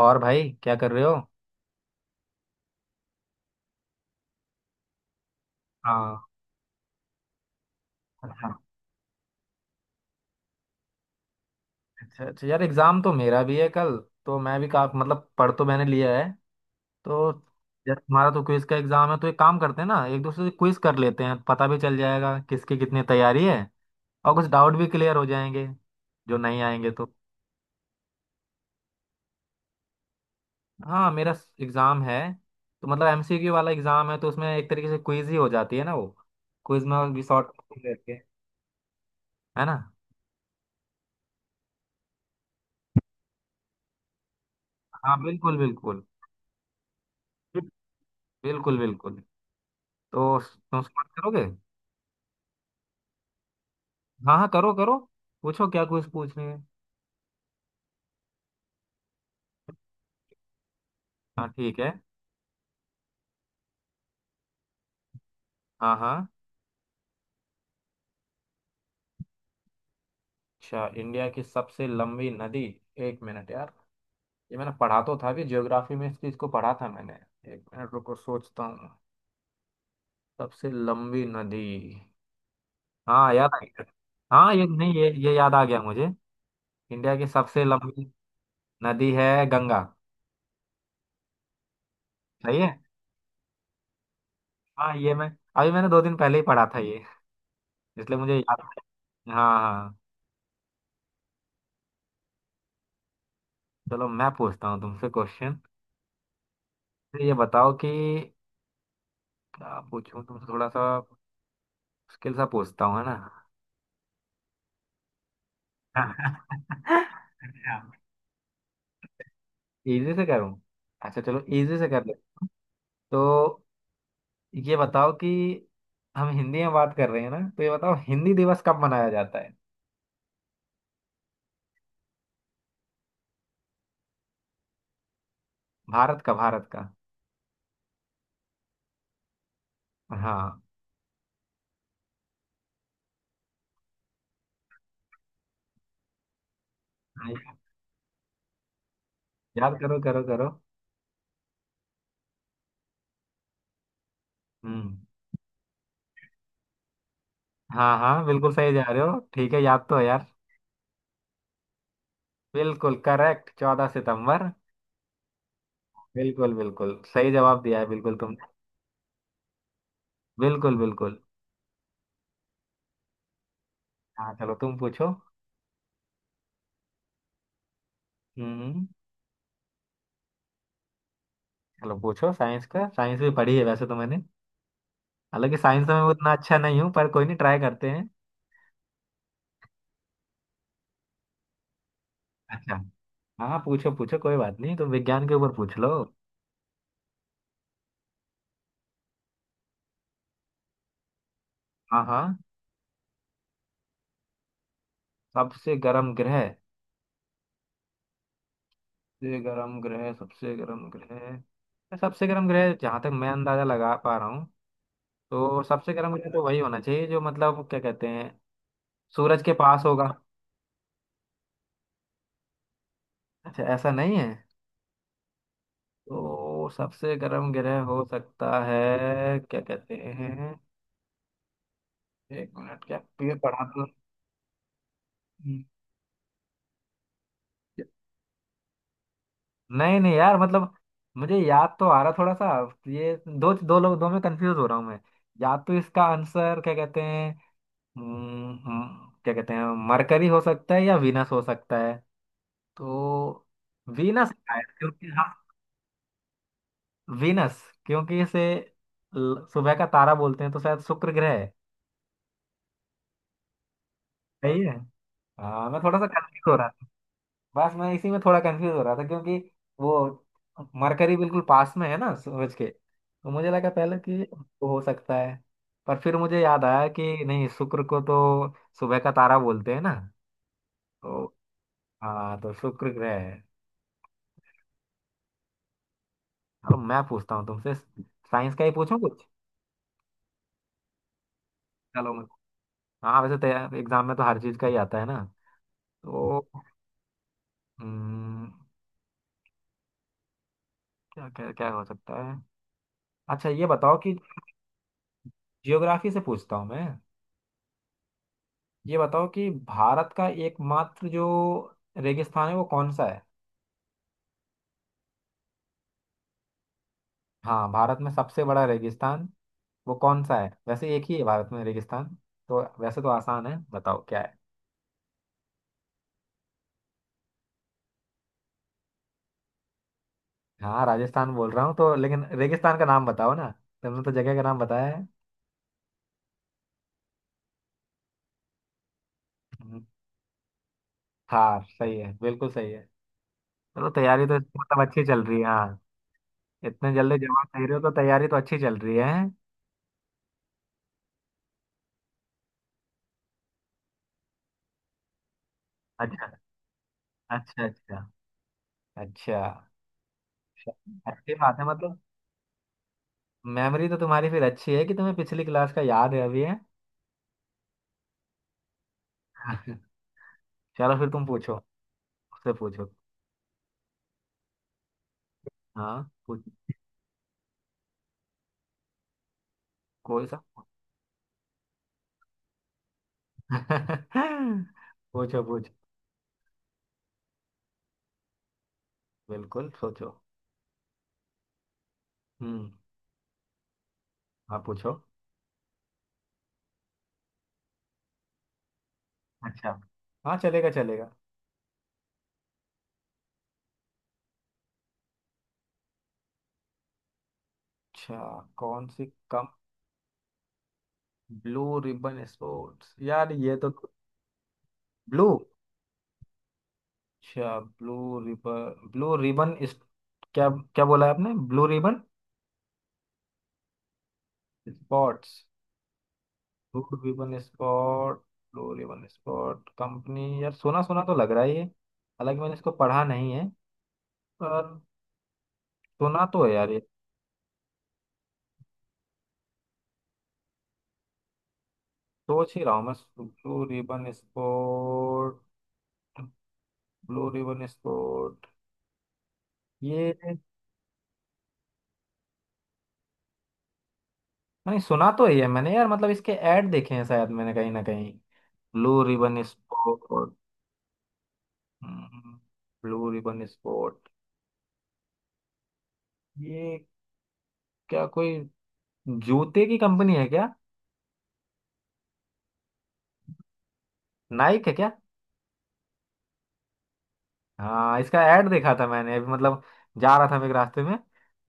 और भाई, क्या कर रहे हो? हाँ। हाँ। अच्छा, अच्छा यार, एग्जाम तो मेरा भी है कल। तो मैं भी, का मतलब, पढ़ तो मैंने लिया है तो। यार, तुम्हारा तो क्विज का एग्जाम है, तो एक काम करते हैं ना, एक दूसरे से क्विज कर लेते हैं, पता भी चल जाएगा किसकी कितनी तैयारी है। और कुछ डाउट भी क्लियर हो जाएंगे जो नहीं आएंगे तो। हाँ, मेरा एग्जाम है। तो मतलब एमसीक्यू वाला एग्जाम है, तो उसमें एक तरीके से क्विज ही हो जाती है ना वो। क्विज में भी शॉर्ट करके, है ना। हाँ, बिल्कुल बिल्कुल। बिल्कुल बिल्कुल। तो तुम स्टार्ट करोगे? हाँ हाँ, करो करो। पूछो, क्या कुछ पूछने है। हाँ, ठीक है। हाँ हाँ। अच्छा, इंडिया की सबसे लंबी नदी। एक मिनट यार। ये मैंने पढ़ा तो था, भी ज्योग्राफी में इस चीज को पढ़ा था मैंने। एक मिनट रुको, सोचता हूँ। सबसे लंबी नदी। हाँ, याद आ गया। हाँ, ये नहीं, ये याद आ गया मुझे। इंडिया की सबसे लंबी नदी है गंगा। सही है। हाँ, ये मैं। अभी मैंने 2 दिन पहले ही पढ़ा था ये, इसलिए मुझे याद है। हाँ हाँ। चलो, मैं पूछता हूँ तुमसे क्वेश्चन। ये बताओ कि आप पूछूं तो थोड़ा सा मुश्किल सा पूछता हूँ, है ना। अच्छा, इजी से करूँ? अच्छा, चलो इजी से कर ले। तो ये बताओ कि हम हिंदी में बात कर रहे हैं ना, तो ये बताओ, हिंदी दिवस कब मनाया जाता है? भारत का, भारत का। हाँ। नहीं, याद करो करो करो। हम्म। हाँ हाँ, बिल्कुल सही जा रहे हो, ठीक है, याद तो है यार। बिल्कुल करेक्ट, 14 सितंबर। बिल्कुल बिल्कुल सही जवाब दिया है बिल्कुल तुमने। बिल्कुल बिल्कुल। हाँ, चलो तुम पूछो। हम्म। चलो, पूछो साइंस का। साइंस भी पढ़ी है वैसे तो मैंने। हालांकि साइंस में मैं उतना अच्छा नहीं हूँ, पर कोई नहीं, ट्राई करते हैं। अच्छा। हाँ, पूछो पूछो, कोई बात नहीं, तो विज्ञान के ऊपर पूछ लो। हाँ हाँ। सबसे गर्म ग्रह, सबसे गर्म ग्रह। सबसे गर्म ग्रह, सबसे गर्म ग्रह जहाँ तक मैं अंदाजा लगा पा रहा हूँ। तो सबसे गर्म ग्रह तो वही होना चाहिए जो, मतलब, क्या कहते हैं, सूरज के पास होगा। अच्छा, ऐसा नहीं है। तो सबसे गर्म ग्रह हो सकता है, क्या कहते हैं। एक मिनट, क्या। ये पढ़ा था। नहीं नहीं यार, मतलब मुझे याद तो आ रहा थोड़ा सा। ये दो दो लोग, दो में कंफ्यूज हो रहा हूँ मैं। या तो इसका आंसर, क्या कहते हैं। क्या कहते हैं, मरकरी हो सकता है या वीनस हो सकता है। तो वीनस है क्योंकि हम। वीनस क्योंकि इसे सुबह का तारा बोलते हैं, तो शायद शुक्र ग्रह है। सही है। हाँ, मैं थोड़ा सा कंफ्यूज हो रहा। बस मैं इसी में थोड़ा कंफ्यूज हो रहा था क्योंकि वो मरकरी बिल्कुल पास में है ना सूरज के, तो मुझे लगा पहले कि वो हो सकता है। पर फिर मुझे याद आया कि नहीं, शुक्र को तो सुबह का तारा बोलते हैं ना, तो। हाँ, तो शुक्र ग्रह है। चलो, मैं पूछता हूँ तुमसे, साइंस का ही पूछूं कुछ। चलो मैं। हाँ, वैसे तो एग्जाम में तो हर चीज का ही आता है ना, तो। हम्म, क्या क्या क्या हो सकता है। अच्छा, ये बताओ कि जियोग्राफी से पूछता हूँ मैं। ये बताओ कि भारत का एकमात्र जो रेगिस्तान है वो कौन सा है? हाँ, भारत में सबसे बड़ा रेगिस्तान वो कौन सा है? वैसे एक ही है भारत में रेगिस्तान, तो वैसे तो आसान है, बताओ क्या है। हाँ राजस्थान बोल रहा हूँ तो, लेकिन रेगिस्तान का नाम बताओ ना। तुमने तो जगह का नाम बताया है। हम्म। हाँ सही है, बिल्कुल सही है। चलो, तैयारी तो इसकी मतलब अच्छी चल रही है हाँ। इतने जल्दी जवाब दे रहे हो तो तैयारी तो अच्छी चल रही है। अच्छा, अच्छा, अच्छा, अच्छा। च- अच्छी बात है, मतलब मेमोरी तो तुम्हारी फिर अच्छी है कि तुम्हें पिछली क्लास का याद है अभी है। चलो फिर तुम पूछो, उससे पूछो। हाँ, पूछ। कोई सा। पूछो पूछो। बिल्कुल सोचो। हम्म। हाँ, पूछो। अच्छा। हाँ चलेगा चलेगा। अच्छा, कौन सी कम। ब्लू रिबन स्पोर्ट्स यार, ये तो। ब्लू। अच्छा, ब्लू रिबन, ब्लू रिबन इस, क्या, क्या बोला है आपने, ब्लू रिबन? स्पोर्ट्स। फूड भी one spot, glory one spot company, यार सोना सोना तो लग रहा है ये, हालांकि मैंने इसको पढ़ा नहीं है, पर। सोना तो है यार ये। सोच ही रहा हूँ मैं, blue ribbon sport, blue ribbon sport. ये नहीं, सुना तो ही है ये मैंने यार, मतलब इसके ऐड देखे हैं शायद मैंने कहीं ना कहीं। Blue ribbon sport, blue ribbon sport. ये क्या कोई जूते की कंपनी है क्या? नाइक है क्या? हाँ, इसका ऐड देखा था मैंने अभी, मतलब जा रहा था मैं एक रास्ते में,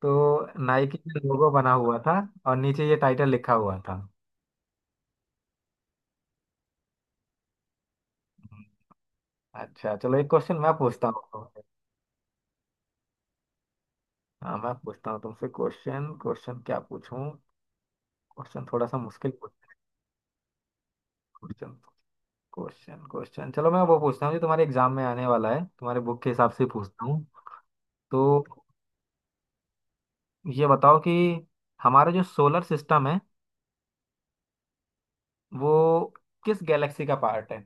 तो नाइकी का लोगो बना हुआ था और नीचे ये टाइटल लिखा हुआ था। अच्छा, चलो एक क्वेश्चन मैं पूछता हूँ तुमसे। हाँ, मैं पूछता हूँ तुमसे क्वेश्चन। क्वेश्चन क्या पूछूं। क्वेश्चन थोड़ा सा मुश्किल। क्वेश्चन, क्वेश्चन, क्वेश्चन, चलो मैं वो पूछता हूँ जो तुम्हारे एग्जाम में आने वाला है, तुम्हारे बुक के हिसाब से पूछता हूँ। तो ये बताओ कि हमारा जो सोलर सिस्टम है वो किस गैलेक्सी का पार्ट है?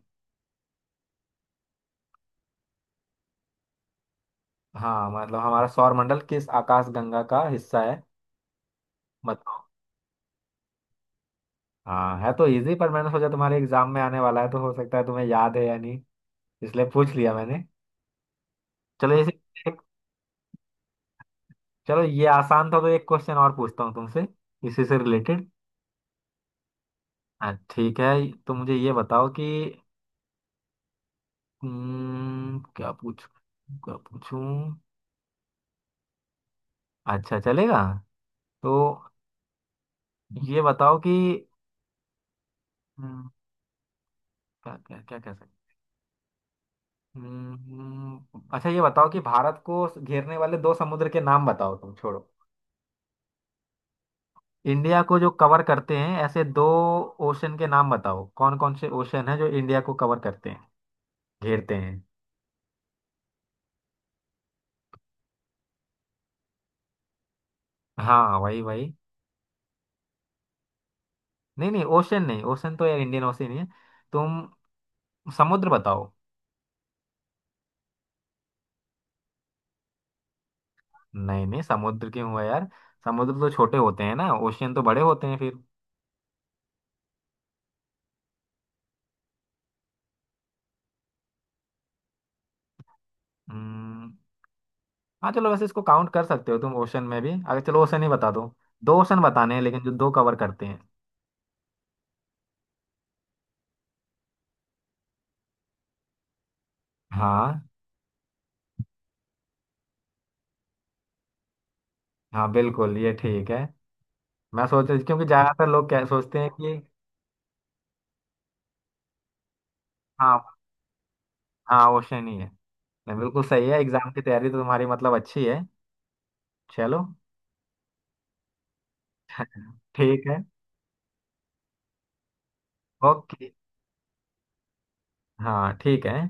हाँ, मतलब हमारा सौरमंडल किस आकाश गंगा का हिस्सा है, बताओ। हाँ है तो इजी, पर मैंने सोचा तुम्हारे एग्जाम में आने वाला है, तो हो सकता है तुम्हें याद है या नहीं, इसलिए पूछ लिया मैंने। चलो इसी। चलो, ये आसान था, तो एक क्वेश्चन और पूछता हूँ तुमसे, इसी से रिलेटेड। हाँ, ठीक है। तो मुझे ये बताओ कि क्या पूछ, क्या पूछूं। अच्छा, चलेगा। तो ये बताओ कि हम्म, क्या क्या क्या कह सकते हैं? अच्छा, ये बताओ कि भारत को घेरने वाले दो समुद्र के नाम बताओ, तुम छोड़ो। इंडिया को जो कवर करते हैं ऐसे दो ओशन के नाम बताओ, कौन कौन से ओशन है जो इंडिया को कवर करते हैं, घेरते हैं। हाँ वही वही। नहीं नहीं, ओशन नहीं, ओशन तो यार इंडियन ओशन ही है, तुम समुद्र बताओ। नहीं नहीं, समुद्र क्यों हुआ यार, समुद्र तो छोटे होते हैं ना, ओशियन तो बड़े होते हैं फिर। हम्म। हाँ, चलो वैसे इसको काउंट कर सकते हो तुम ओशन में भी अगर, चलो ओशन ही बता दो। दो ओशन बताने हैं, लेकिन जो दो कवर करते हैं। हाँ हाँ, बिल्कुल ये ठीक है। मैं सोच रही क्योंकि ज्यादातर लोग क्या सोचते हैं कि। हाँ हाँ, वो शनि है। नहीं, बिल्कुल सही है, एग्जाम की तैयारी तो तुम्हारी मतलब अच्छी है। चलो। ठीक है, ओके, हाँ, ठीक है।